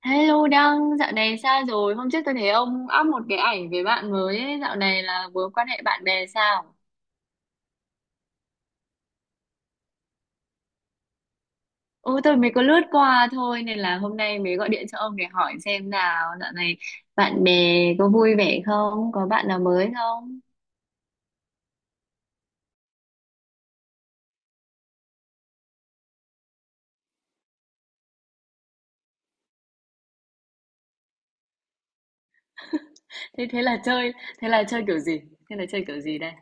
Hello Đăng, dạo này sao rồi? Hôm trước tôi thấy ông up một cái ảnh về bạn mới ấy. Dạo này là vừa quan hệ bạn bè sao? Ừ, tôi mới có lướt qua thôi nên là hôm nay mới gọi điện cho ông để hỏi xem nào dạo này bạn bè có vui vẻ không? Có bạn nào mới không? Thế thế là chơi kiểu gì? Thế là chơi kiểu gì đây?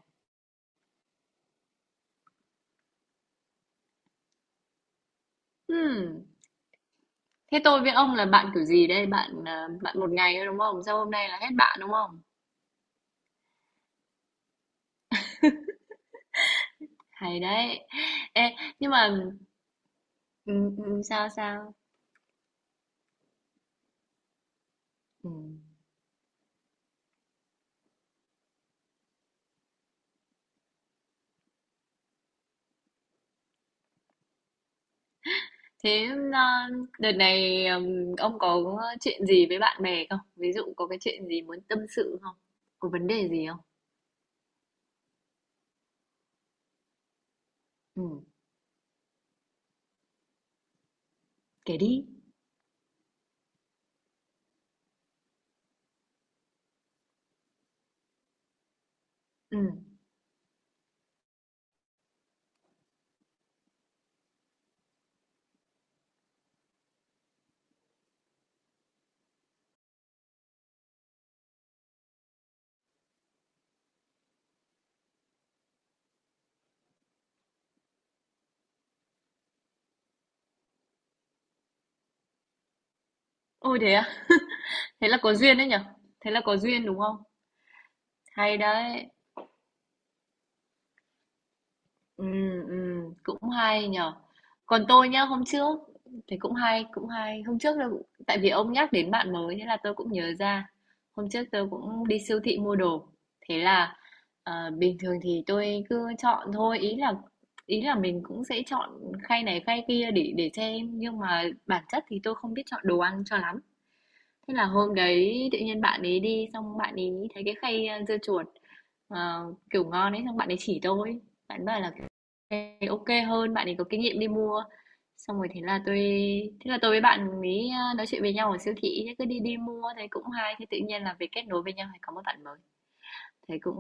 Hmm. Thế tôi với ông là bạn kiểu gì đây? Bạn à, bạn một ngày thôi đúng không? Sau hôm nay là hết bạn đúng không? Hay đấy. Ê, nhưng mà ừ, ừ, sao sao? Ừ. Thế à, đợt này ông có chuyện gì với bạn bè không? Ví dụ có cái chuyện gì muốn tâm sự không? Có vấn đề gì không? Ừ, kể đi. Ừ. Ôi thế à? Thế là có duyên đấy nhở? Thế là có duyên đúng không? Hay đấy. Ừ, cũng hay nhở. Còn tôi nhá, hôm trước thì cũng hay, cũng hay. Hôm trước tôi cũng, tại vì ông nhắc đến bạn mới thế là tôi cũng nhớ ra. Hôm trước tôi cũng đi siêu thị mua đồ. Thế là à, bình thường thì tôi cứ chọn thôi, ý là mình cũng sẽ chọn khay này khay kia để xem nhưng mà bản chất thì tôi không biết chọn đồ ăn cho lắm. Thế là hôm đấy tự nhiên bạn ấy đi xong bạn ấy thấy cái khay dưa chuột kiểu ngon ấy xong bạn ấy chỉ tôi. Bạn bảo là kiểu "Ê, ok hơn, bạn ấy có kinh nghiệm đi mua. Xong rồi thế là tôi với bạn ấy nói chuyện với nhau ở siêu thị thế cứ đi đi mua thấy cũng hay thế tự nhiên là về kết nối với nhau thì có một bạn mới. Thế cũng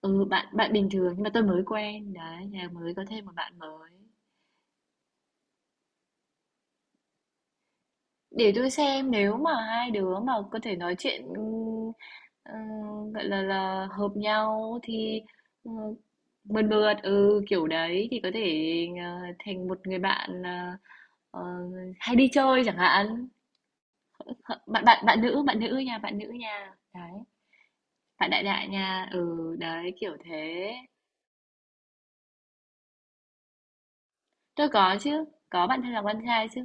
ừ bạn bạn bình thường nhưng mà tôi mới quen đấy, thế là mới có thêm một bạn mới. Để tôi xem nếu mà hai đứa mà có thể nói chuyện gọi là hợp nhau thì ừ, mượt mượt ừ kiểu đấy thì có thể ờ, thành một người bạn ờ, hay đi chơi chẳng hạn Hợ- bạn bạn bạn nữ nha đấy bạn đại đại nha ừ đấy kiểu thế. Tôi có chứ, có bạn thân là con trai chứ.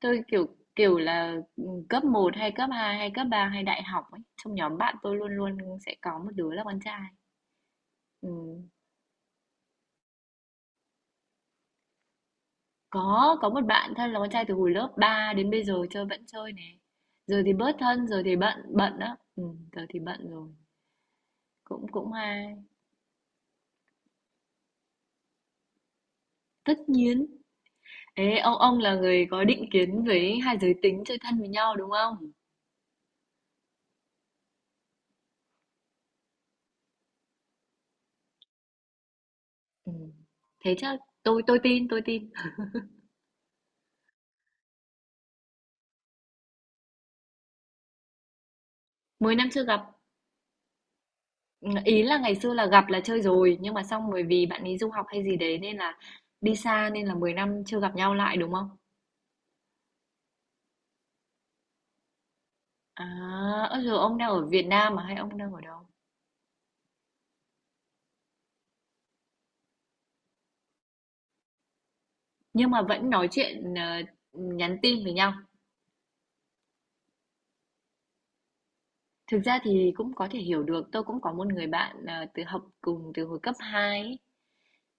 Tôi kiểu kiểu là ừ, cấp một hay cấp 2 hay cấp 3 hay đại học ấy, trong nhóm bạn tôi luôn luôn sẽ có một đứa là con trai. Ừ. Có một bạn thân là con trai từ hồi lớp 3 đến bây giờ chơi vẫn chơi này. Giờ thì bớt thân, giờ thì bận bận đó. Ừ, giờ thì bận rồi. Cũng cũng hay. Tất nhiên. Ê, ông là người có định kiến với hai giới tính chơi thân với nhau đúng không? Ừ. Thế chắc tôi tin, tôi tin. 10 năm chưa gặp. Ý là ngày xưa là gặp là chơi rồi, nhưng mà xong bởi vì bạn ấy du học hay gì đấy nên là đi xa nên là 10 năm chưa gặp nhau lại đúng không? À, ơ, giờ ông đang ở Việt Nam mà hay ông đang ở đâu? Nhưng mà vẫn nói chuyện, nhắn tin với nhau. Thực ra thì cũng có thể hiểu được, tôi cũng có một người bạn, từ học cùng từ hồi cấp 2 ấy.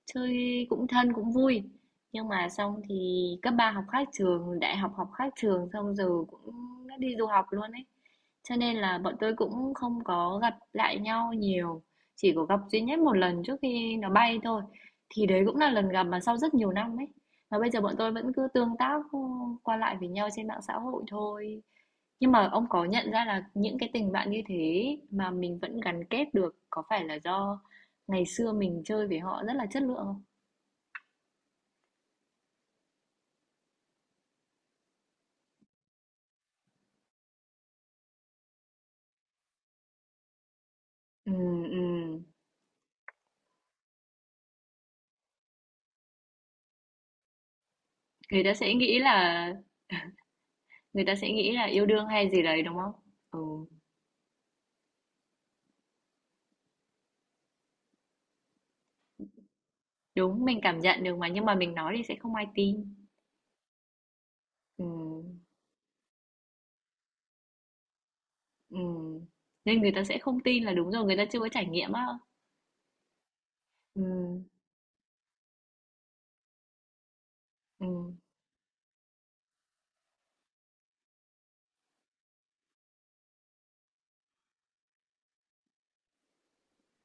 Chơi cũng thân cũng vui. Nhưng mà xong thì cấp 3 học khác trường, đại học học khác trường xong giờ cũng đã đi du học luôn ấy. Cho nên là bọn tôi cũng không có gặp lại nhau nhiều, chỉ có gặp duy nhất một lần trước khi nó bay thôi. Thì đấy cũng là lần gặp mà sau rất nhiều năm ấy. Và bây giờ bọn tôi vẫn cứ tương tác qua lại với nhau trên mạng xã hội thôi. Nhưng mà ông có nhận ra là những cái tình bạn như thế mà mình vẫn gắn kết được có phải là do ngày xưa mình chơi với họ rất là chất lượng không? Ừ, ừ. Người ta sẽ nghĩ là Người ta sẽ nghĩ là yêu đương hay gì đấy đúng không? Ừ, đúng mình cảm nhận được mà nhưng mà mình nói thì sẽ không ai tin. Ừ, ừ. Nên người ta sẽ không tin là đúng rồi, người ta chưa có trải nghiệm á. Ừ, ừ,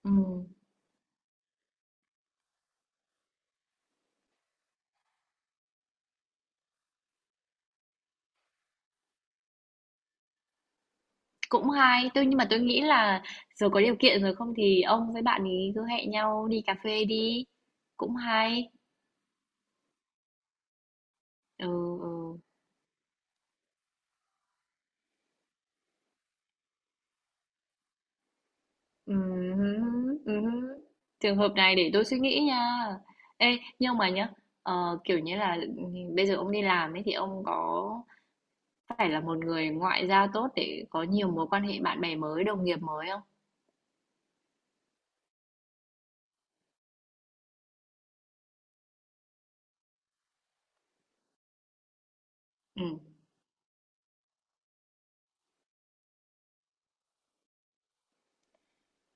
ừ. Cũng hay, nhưng mà tôi nghĩ là giờ có điều kiện rồi không thì ông với bạn ấy cứ hẹn nhau đi cà phê đi. Cũng hay. Ừ, ừ. Ừm, ừm. Trường hợp này để tôi suy nghĩ nha. Ê, nhưng mà nhá, kiểu như là bây giờ ông đi làm ấy thì ông có phải là một người ngoại giao tốt để có nhiều mối quan hệ bạn bè mới, đồng nghiệp mới không? Ừ.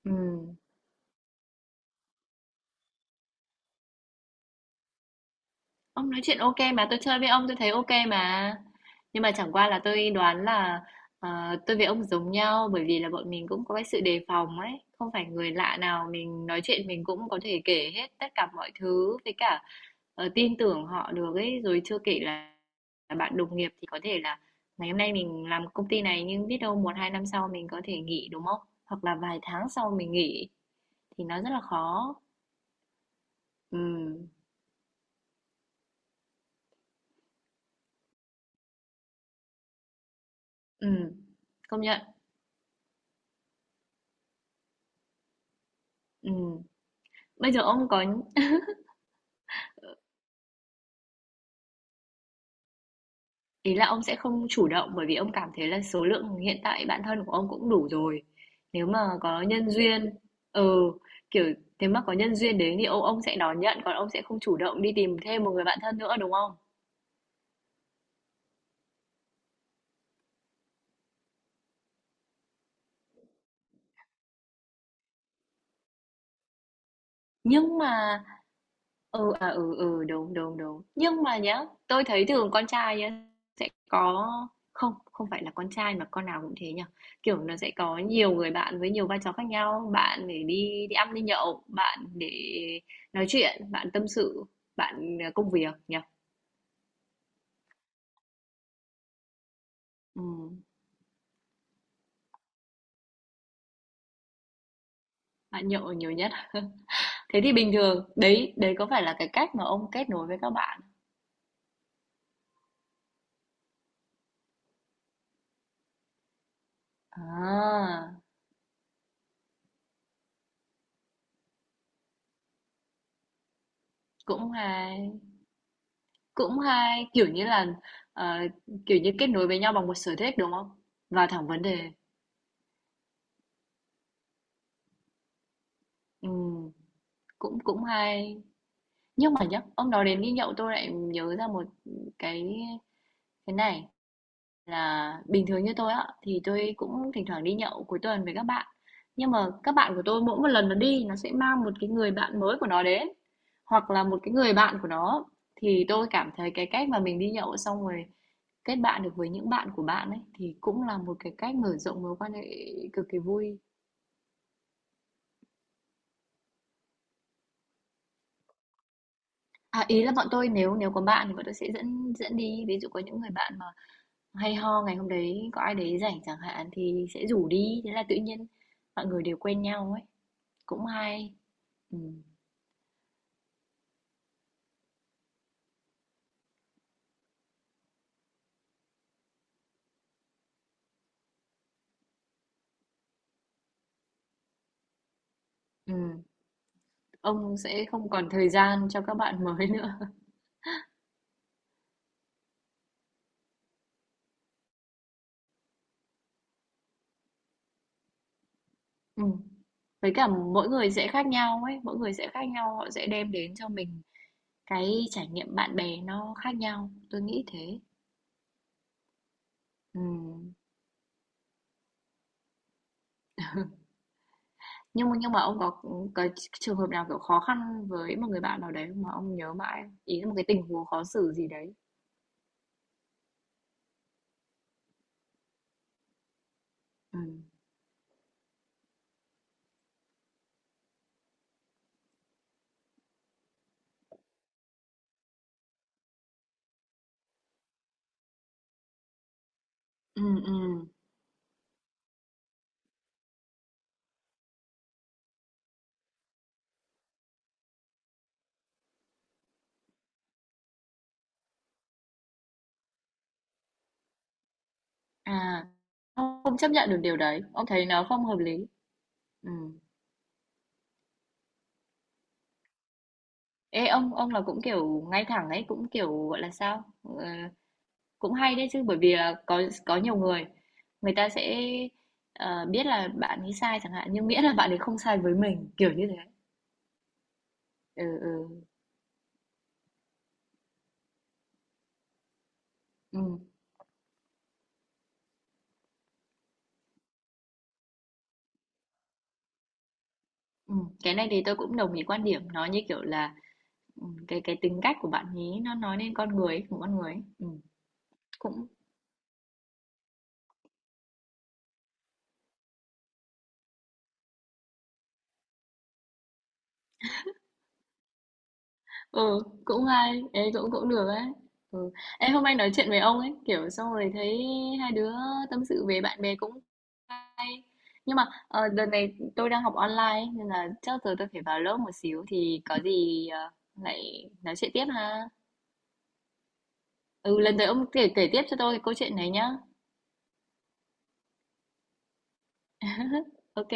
Ừ. Ông nói chuyện OK mà, tôi chơi với ông tôi thấy OK mà. Nhưng mà chẳng qua là tôi đoán là tôi với ông giống nhau bởi vì là bọn mình cũng có cái sự đề phòng ấy, không phải người lạ nào mình nói chuyện mình cũng có thể kể hết tất cả mọi thứ với cả tin tưởng họ được ấy, rồi chưa kể là, bạn đồng nghiệp thì có thể là ngày hôm nay mình làm công ty này nhưng biết đâu một hai năm sau mình có thể nghỉ đúng không? Hoặc là vài tháng sau mình nghỉ thì nó rất là khó. Ừ, ừ, công nhận. Ừ. Bây giờ ông có ý là ông sẽ không chủ động bởi vì ông cảm thấy là số lượng hiện tại bạn thân của ông cũng đủ rồi. Nếu mà có nhân duyên, ừ, kiểu nếu mà có nhân duyên đến thì ông sẽ đón nhận còn ông sẽ không chủ động đi tìm thêm một người bạn thân nữa đúng không? Nhưng mà ừ, à, ừ, ừ, đúng, đúng, đúng. Nhưng mà nhá, tôi thấy thường con trai nhá, sẽ có không không phải là con trai mà con nào cũng thế nhỉ kiểu nó sẽ có nhiều người bạn với nhiều vai trò khác nhau bạn để đi đi ăn đi nhậu bạn để nói chuyện bạn tâm sự bạn công việc nhỉ ừ, bạn nhậu nhiều nhất thế thì bình thường đấy đấy có phải là cái cách mà ông kết nối với các bạn à cũng hay. Cũng hay, kiểu như là, ờ, kiểu như, kết nối với nhau bằng một sở thích, đúng không? Vào thẳng vấn đề. Ừm, cũng cũng hay. Nhưng mà nhá, ông nói đến đi nhậu tôi lại nhớ ra một cái cái này là bình thường như tôi á thì tôi cũng thỉnh thoảng đi nhậu cuối tuần với các bạn. Nhưng mà các bạn của tôi mỗi một lần nó đi nó sẽ mang một cái người bạn mới của nó đến hoặc là một cái người bạn của nó thì tôi cảm thấy cái cách mà mình đi nhậu xong rồi kết bạn được với những bạn của bạn ấy thì cũng là một cái cách mở rộng mối quan hệ cực kỳ vui. À, ý là bọn tôi nếu nếu có bạn thì bọn tôi sẽ dẫn dẫn đi ví dụ có những người bạn mà hay ho ngày hôm đấy có ai đấy rảnh chẳng hạn thì sẽ rủ đi thế là tự nhiên mọi người đều quen nhau ấy cũng hay ừ. Ừ. Ông sẽ không còn thời gian cho các bạn mới nữa. Ừ. Với cả mỗi người sẽ khác nhau ấy mỗi người sẽ khác nhau họ sẽ đem đến cho mình cái trải nghiệm bạn bè nó khác nhau tôi nghĩ thế. Ừ. Nhưng mà ông có trường hợp nào kiểu khó khăn với một người bạn nào đấy mà ông nhớ mãi không? Ý là một cái tình huống khó xử gì đấy. Ừ. Ừ, ừ. À. Ông không chấp nhận được điều đấy, ông thấy nó không hợp lý. Ừ. Ê ông là cũng kiểu ngay thẳng ấy, cũng kiểu gọi là sao? Ờ, cũng hay đấy chứ bởi vì là có nhiều người người ta sẽ biết là bạn ấy sai chẳng hạn nhưng miễn là bạn ấy không sai với mình kiểu như thế. Ừ ừ. Ừ, ừ. Cái này thì tôi cũng đồng ý quan điểm, nó như kiểu là ừ, cái tính cách của bạn ấy nó nói lên con người ấy, của con người ấy. Ừ. Cũng Ừ, cũng hay, ê cũng cũng được ấy. Ừ. Em hôm nay nói chuyện với ông ấy, kiểu xong rồi thấy hai đứa tâm sự về bạn bè cũng nhưng mà đợt này tôi đang học online ấy, nên là chắc giờ tôi phải vào lớp một xíu thì có gì lại nói chuyện tiếp ha. Ừ, lần tới ông kể kể tiếp cho tôi cái câu chuyện này nhá. Ok.